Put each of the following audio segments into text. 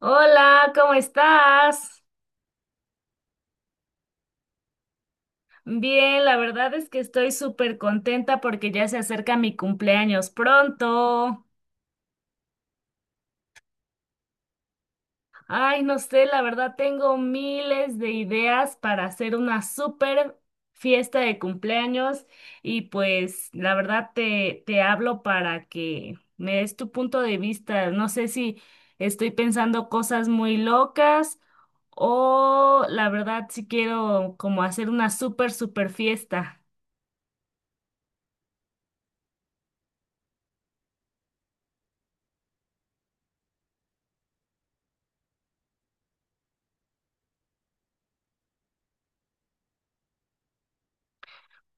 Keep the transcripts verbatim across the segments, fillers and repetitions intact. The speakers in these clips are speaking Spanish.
Hola, ¿cómo estás? Bien, la verdad es que estoy súper contenta porque ya se acerca mi cumpleaños pronto. Ay, no sé, la verdad tengo miles de ideas para hacer una súper fiesta de cumpleaños y pues la verdad te, te hablo para que me des tu punto de vista. No sé si estoy pensando cosas muy locas o la verdad si quiero como hacer una súper, súper fiesta.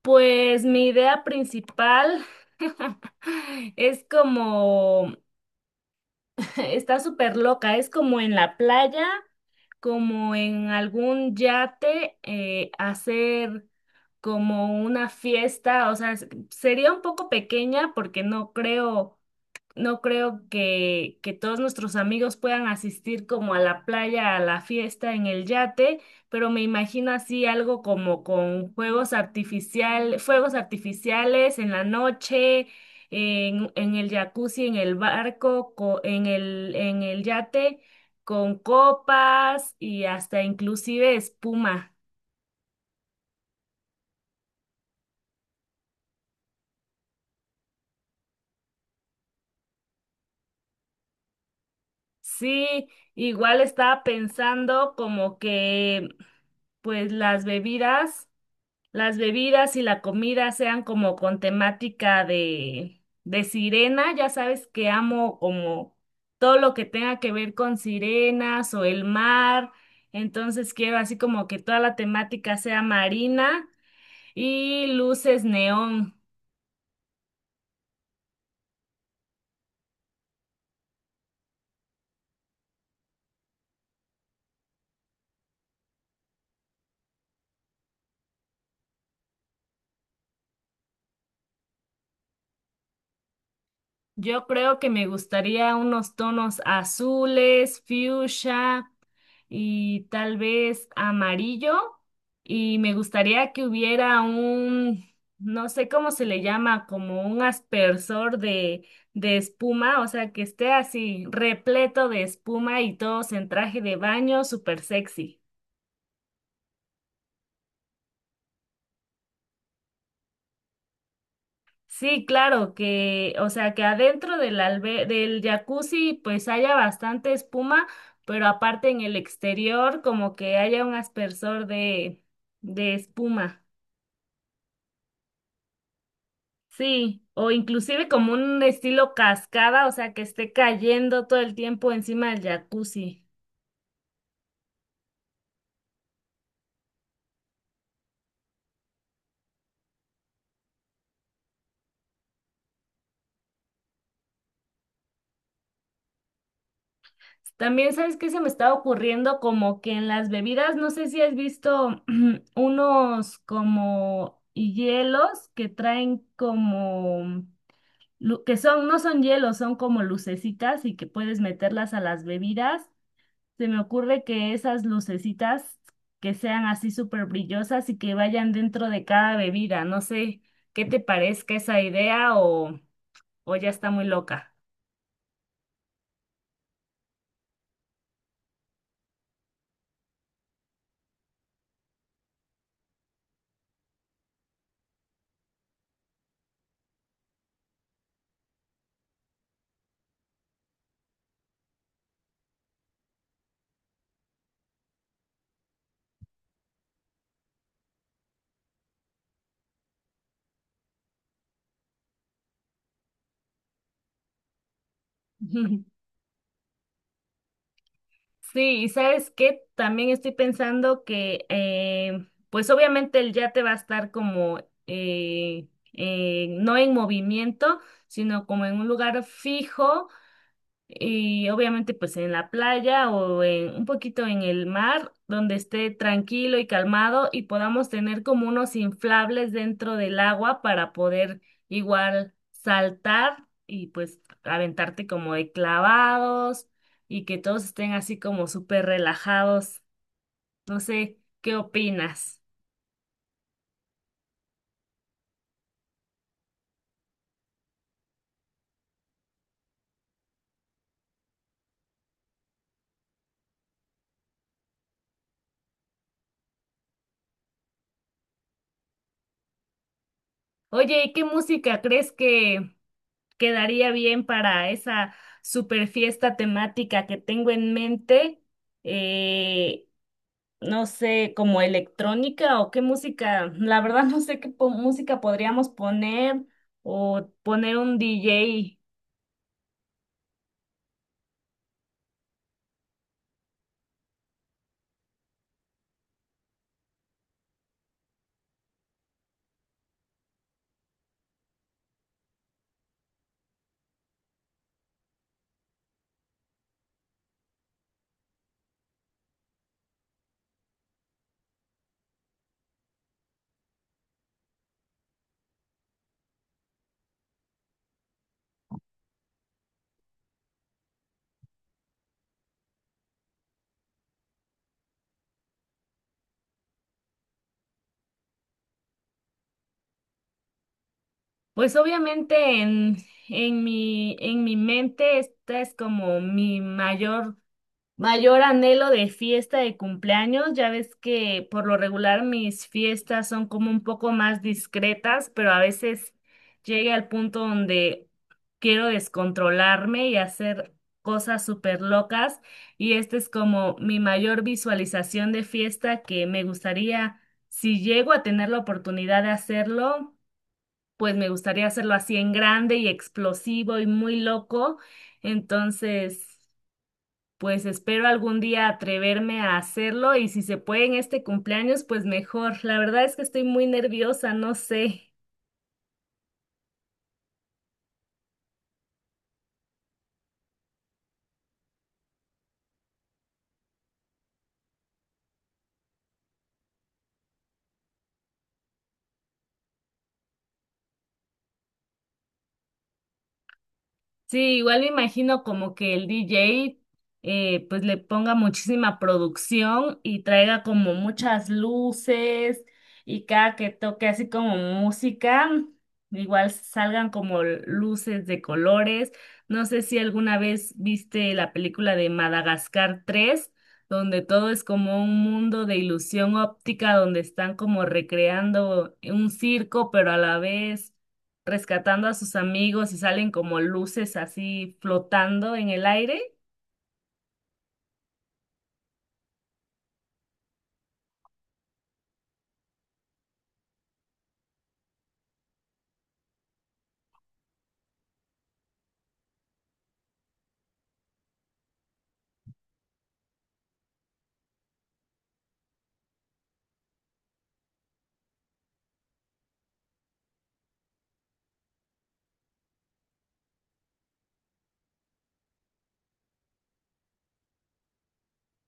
Pues mi idea principal es como, está súper loca, es como en la playa, como en algún yate, eh, hacer como una fiesta, o sea, s- sería un poco pequeña porque no creo no creo que, que todos nuestros amigos puedan asistir como a la playa, a la fiesta, en el yate, pero me imagino así algo como con juegos artificial, fuegos artificiales en la noche, en, en el jacuzzi, en el barco, co- en el, en el yate, con copas y hasta inclusive espuma. Sí, igual estaba pensando como que pues las bebidas. Las bebidas y la comida sean como con temática de, de sirena. Ya sabes que amo como todo lo que tenga que ver con sirenas o el mar. Entonces quiero así como que toda la temática sea marina y luces neón. Yo creo que me gustaría unos tonos azules, fucsia, y tal vez amarillo. Y me gustaría que hubiera un, no sé cómo se le llama, como un aspersor de, de espuma, o sea, que esté así repleto de espuma y todos en traje de baño, súper sexy. Sí, claro, que, o sea, que adentro del albe- del jacuzzi pues haya bastante espuma, pero aparte en el exterior como que haya un aspersor de, de espuma. Sí, o inclusive como un estilo cascada, o sea, que esté cayendo todo el tiempo encima del jacuzzi. También, ¿sabes qué se me está ocurriendo? Como que en las bebidas, no sé si has visto unos como hielos que traen como, lu- que son, no son hielos, son como lucecitas y que puedes meterlas a las bebidas. Se me ocurre que esas lucecitas que sean así súper brillosas y que vayan dentro de cada bebida. No sé qué te parezca esa idea o, o ya está muy loca. Sí, y sabes qué, también estoy pensando que, eh, pues obviamente el yate va a estar como, eh, eh, no en movimiento, sino como en un lugar fijo. Y obviamente pues en la playa o en un poquito en el mar, donde esté tranquilo y calmado y podamos tener como unos inflables dentro del agua para poder igual saltar y pues aventarte como de clavados y que todos estén así como súper relajados. No sé, ¿qué opinas? Oye, ¿y qué música crees que quedaría bien para esa super fiesta temática que tengo en mente? eh, no sé, como electrónica o qué música. La verdad no sé qué po- música podríamos poner o poner un D J. Pues obviamente en, en mi, en mi mente esta es como mi mayor mayor anhelo de fiesta de cumpleaños, ya ves que por lo regular mis fiestas son como un poco más discretas, pero a veces llegué al punto donde quiero descontrolarme y hacer cosas súper locas y esta es como mi mayor visualización de fiesta que me gustaría, si llego a tener la oportunidad de hacerlo, pues me gustaría hacerlo así en grande y explosivo y muy loco. Entonces... Pues espero algún día atreverme a hacerlo y si se puede en este cumpleaños, pues mejor. La verdad es que estoy muy nerviosa, no sé. Sí, igual me imagino como que el D J eh, pues le ponga muchísima producción y traiga como muchas luces y cada que toque así como música, igual salgan como luces de colores. No sé si alguna vez viste la película de Madagascar tres, donde todo es como un mundo de ilusión óptica, donde están como recreando un circo, pero a la vez rescatando a sus amigos y salen como luces así flotando en el aire.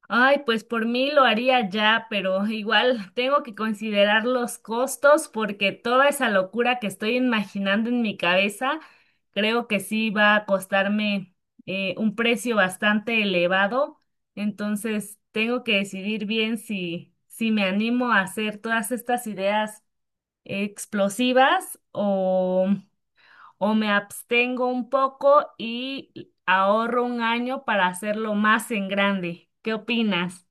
Ay, pues por mí lo haría ya, pero igual tengo que considerar los costos porque toda esa locura que estoy imaginando en mi cabeza, creo que sí va a costarme eh, un precio bastante elevado. Entonces, tengo que decidir bien si, si me animo a hacer todas estas ideas explosivas o me abstengo un poco y ahorro un año para hacerlo más en grande. ¿Qué opinas?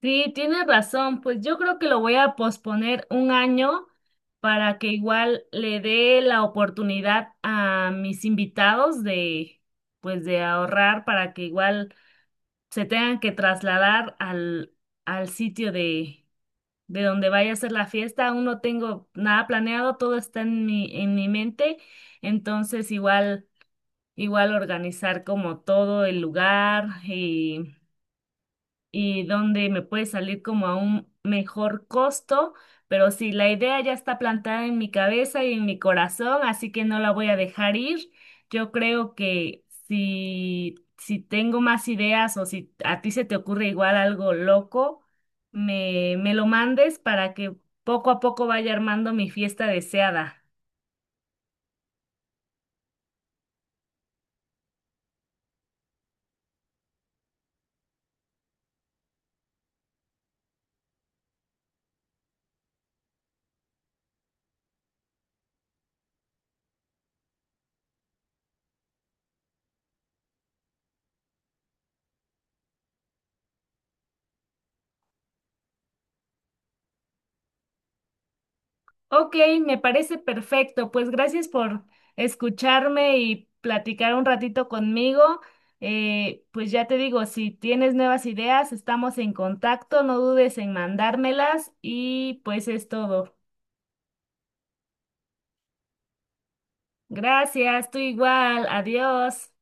Sí, tienes razón, pues yo creo que lo voy a posponer un año para que igual le dé la oportunidad a mis invitados de, pues de ahorrar para que igual se tengan que trasladar al, al sitio de, de donde vaya a ser la fiesta. Aún no tengo nada planeado, todo está en mi, en mi mente, entonces igual. Igual organizar como todo el lugar y, y donde me puede salir como a un mejor costo, pero sí, la idea ya está plantada en mi cabeza y en mi corazón, así que no la voy a dejar ir. Yo creo que si, si tengo más ideas o si a ti se te ocurre igual algo loco, me, me lo mandes para que poco a poco vaya armando mi fiesta deseada. Ok, me parece perfecto. Pues gracias por escucharme y platicar un ratito conmigo. Eh, pues ya te digo, si tienes nuevas ideas, estamos en contacto, no dudes en mandármelas y pues es todo. Gracias, tú igual, adiós.